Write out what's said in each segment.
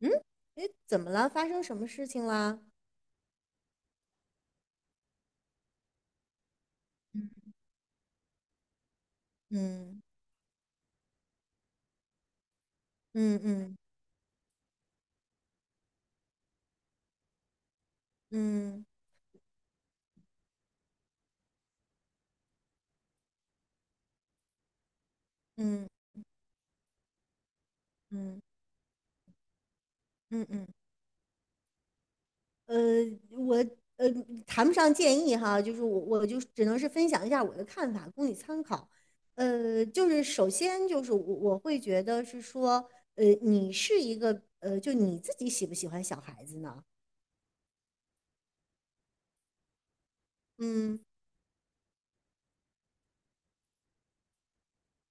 嗯，诶，怎么了？发生什么事情啦？嗯嗯嗯嗯嗯嗯嗯嗯嗯。呃，我呃谈不上建议哈，就是我就只能是分享一下我的看法，供你参考。就是首先就是我会觉得是说，你是一个就你自己喜不喜欢小孩子呢？嗯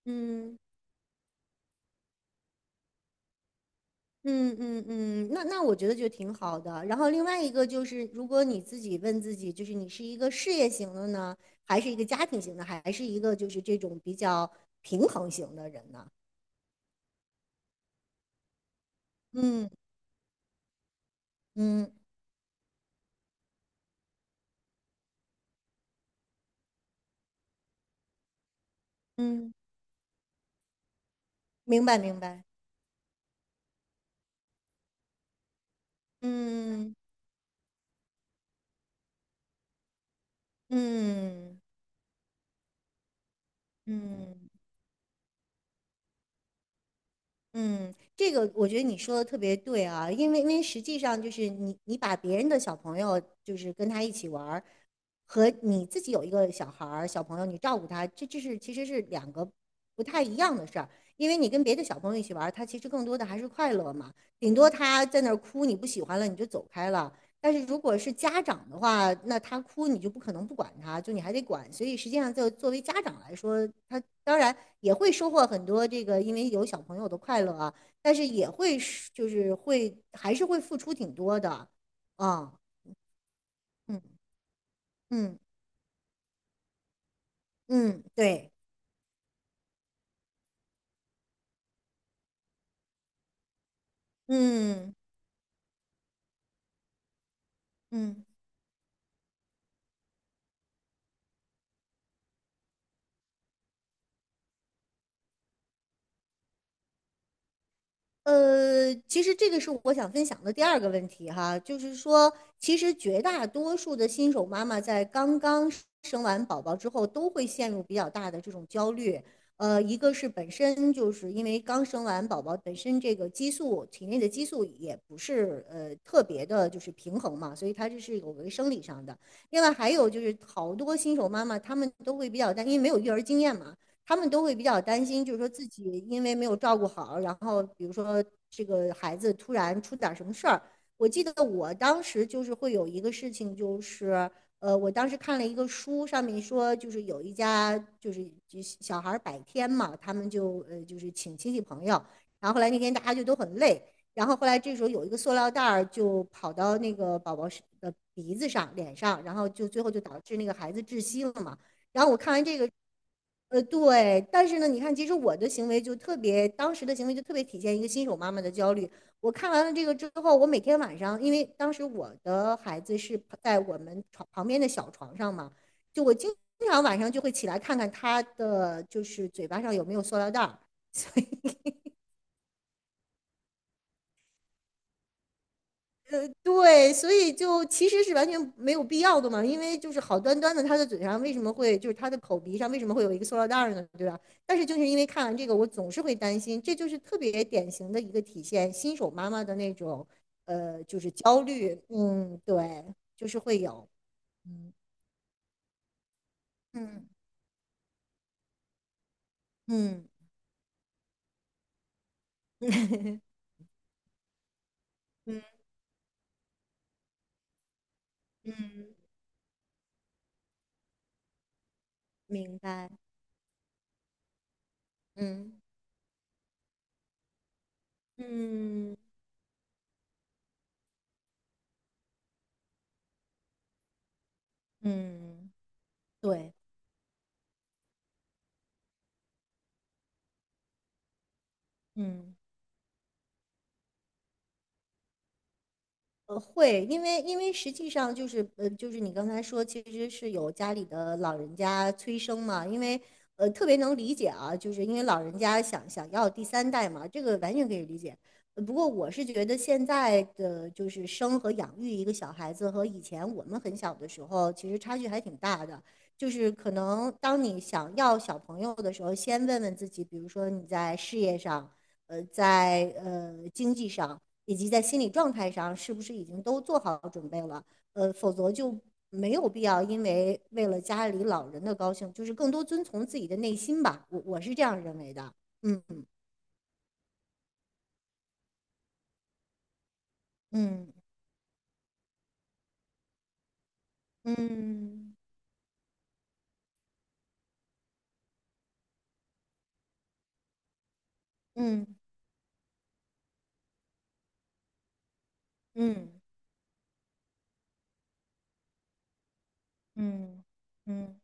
嗯。嗯嗯嗯，那我觉得就挺好的。然后另外一个就是，如果你自己问自己，就是你是一个事业型的呢，还是一个家庭型的，还是一个就是这种比较平衡型的人呢？嗯嗯嗯，明白明白。嗯嗯嗯。嗯嗯，这个我觉得你说的特别对啊，因为实际上就是你把别人的小朋友就是跟他一起玩儿，和你自己有一个小孩儿小朋友你照顾他，这是其实是两个不太一样的事儿，因为你跟别的小朋友一起玩儿，他其实更多的还是快乐嘛，顶多他在那儿哭，你不喜欢了你就走开了，但是如果是家长的话，那他哭你就不可能不管他，就你还得管。所以实际上，就作为家长来说，他当然也会收获很多这个，因为有小朋友的快乐啊，但是也会是就是会还是会付出挺多的啊，嗯嗯嗯，对，嗯嗯。其实这个是我想分享的第二个问题哈，就是说，其实绝大多数的新手妈妈在刚刚生完宝宝之后，都会陷入比较大的这种焦虑。一个是本身就是因为刚生完宝宝，本身这个激素体内的激素也不是特别的，就是平衡嘛，所以它这是有个生理上的。另外还有就是好多新手妈妈她们都会比较担心，因为没有育儿经验嘛，他们都会比较担心，就是说自己因为没有照顾好，然后比如说这个孩子突然出点什么事儿。我记得我当时就是会有一个事情，就是我当时看了一个书，上面说就是有一家就是就小孩百天嘛，他们就就是请亲戚朋友，然后后来那天大家就都很累，然后后来这时候有一个塑料袋儿就跑到那个宝宝的鼻子上、脸上，然后就最后就导致那个孩子窒息了嘛。然后我看完这个对，但是呢，你看，其实我的行为就特别，当时的行为就特别体现一个新手妈妈的焦虑。我看完了这个之后，我每天晚上，因为当时我的孩子是在我们床旁边的小床上嘛，就我经常晚上就会起来看看他的就是嘴巴上有没有塑料袋儿，对，所以就其实是完全没有必要的嘛，因为就是好端端的他的嘴上为什么会就是他的口鼻上为什么会有一个塑料袋儿呢，对吧？但是就是因为看完这个，我总是会担心，这就是特别典型的一个体现新手妈妈的那种就是焦虑，嗯，对，就是会有，嗯嗯嗯 嗯嗯，明白，嗯嗯嗯，对，嗯。会，因为实际上就是就是你刚才说，其实是有家里的老人家催生嘛，因为特别能理解啊，就是因为老人家想要第三代嘛，这个完全可以理解。不过我是觉得现在的就是生和养育一个小孩子和以前我们很小的时候其实差距还挺大的，就是可能当你想要小朋友的时候，先问问自己，比如说你在事业上，在经济上。以及在心理状态上是不是已经都做好准备了。否则就没有必要因为为了家里老人的高兴，就是更多遵从自己的内心吧。我是这样认为的。嗯嗯嗯嗯嗯嗯嗯嗯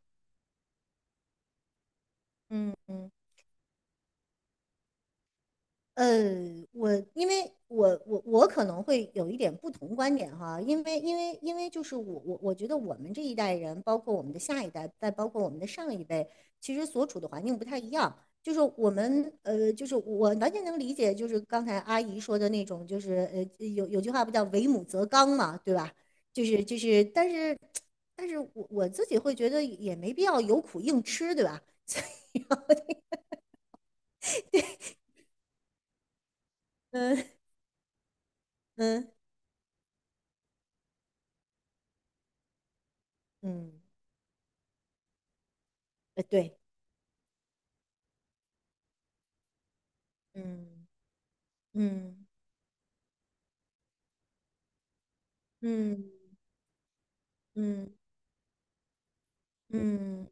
嗯嗯。呃，因为我可能会有一点不同观点哈，因为就是我觉得我们这一代人，包括我们的下一代，再包括我们的上一辈，其实所处的环境不太一样。就是我们就是我完全能理解，就是刚才阿姨说的那种，就是有句话不叫"为母则刚"嘛，对吧？就是，但是我自己会觉得也没必要有苦硬吃，对吧？嗯嗯嗯，对，嗯。嗯嗯嗯嗯，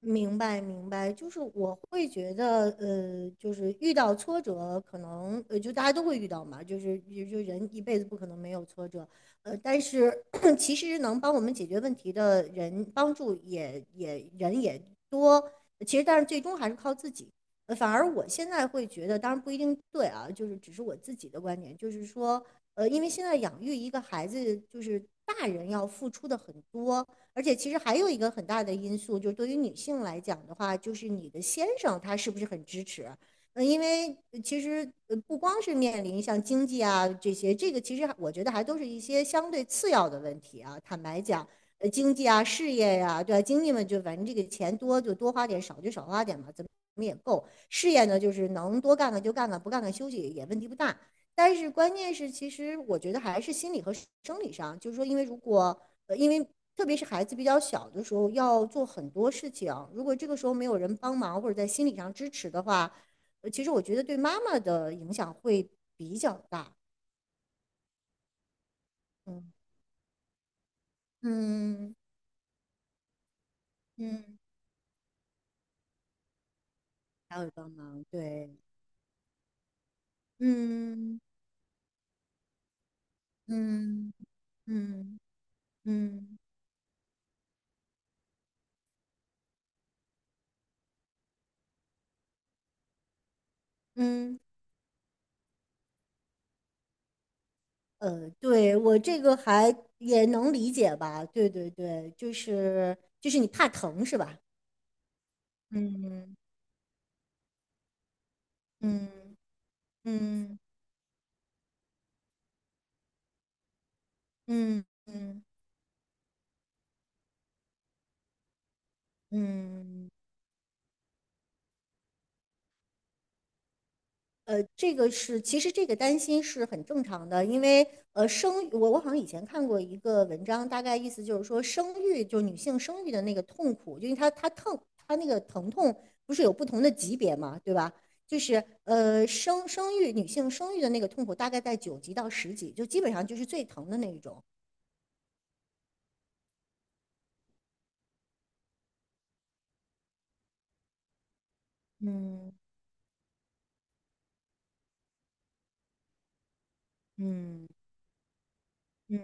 明白，明白，就是我会觉得，就是遇到挫折，可能就大家都会遇到嘛，就人一辈子不可能没有挫折，但是 其实能帮我们解决问题的人，帮助也人也多，其实但是最终还是靠自己。反而我现在会觉得，当然不一定对啊，就是只是我自己的观点，就是说，因为现在养育一个孩子，就是大人要付出的很多。而且其实还有一个很大的因素，就是对于女性来讲的话，就是你的先生他是不是很支持？嗯，因为其实不光是面临像经济啊这些，这个其实我觉得还都是一些相对次要的问题啊。坦白讲，经济啊、事业呀、对吧、经济嘛，就反正这个钱多就多花点，少就少花点嘛，怎么也够。事业呢，就是能多干干就干干，不干干休息也问题不大。但是关键是，其实我觉得还是心理和生理上，就是说，因为特别是孩子比较小的时候，要做很多事情，如果这个时候没有人帮忙或者在心理上支持的话，其实我觉得对妈妈的影响会比较大。嗯嗯嗯，还有帮忙，对，嗯嗯嗯嗯嗯，对，我这个还也能理解吧？对对对，就是你怕疼是吧？嗯嗯嗯嗯嗯。嗯嗯，这个是，其实这个担心是很正常的，因为生育我好像以前看过一个文章，大概意思就是说，生育就是女性生育的那个痛苦，就因为她疼，她那个疼痛不是有不同的级别嘛，对吧？就是生育女性生育的那个痛苦大概在9级到10级，就基本上就是最疼的那一种。嗯嗯嗯。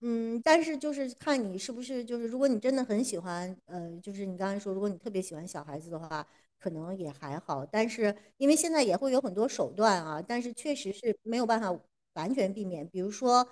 嗯，但是就是看你是不是就是，如果你真的很喜欢，就是你刚才说，如果你特别喜欢小孩子的话，可能也还好。但是因为现在也会有很多手段啊，但是确实是没有办法完全避免。比如说，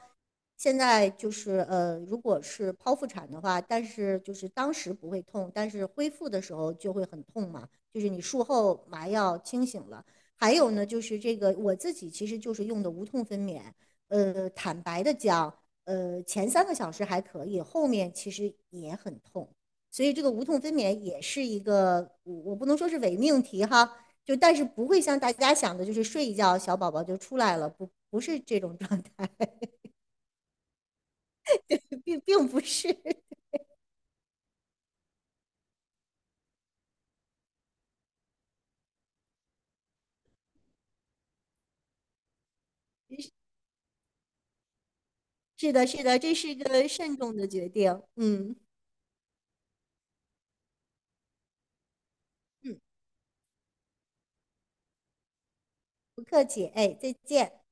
现在就是如果是剖腹产的话，但是就是当时不会痛，但是恢复的时候就会很痛嘛，就是你术后麻药清醒了。还有呢，就是这个我自己其实就是用的无痛分娩。坦白的讲。前3个小时还可以，后面其实也很痛，所以这个无痛分娩也是一个，我不能说是伪命题哈，就但是不会像大家想的，就是睡一觉小宝宝就出来了，不是这种状态，并不是，是的，是的，这是一个慎重的决定，嗯嗯，不客气，哎，再见。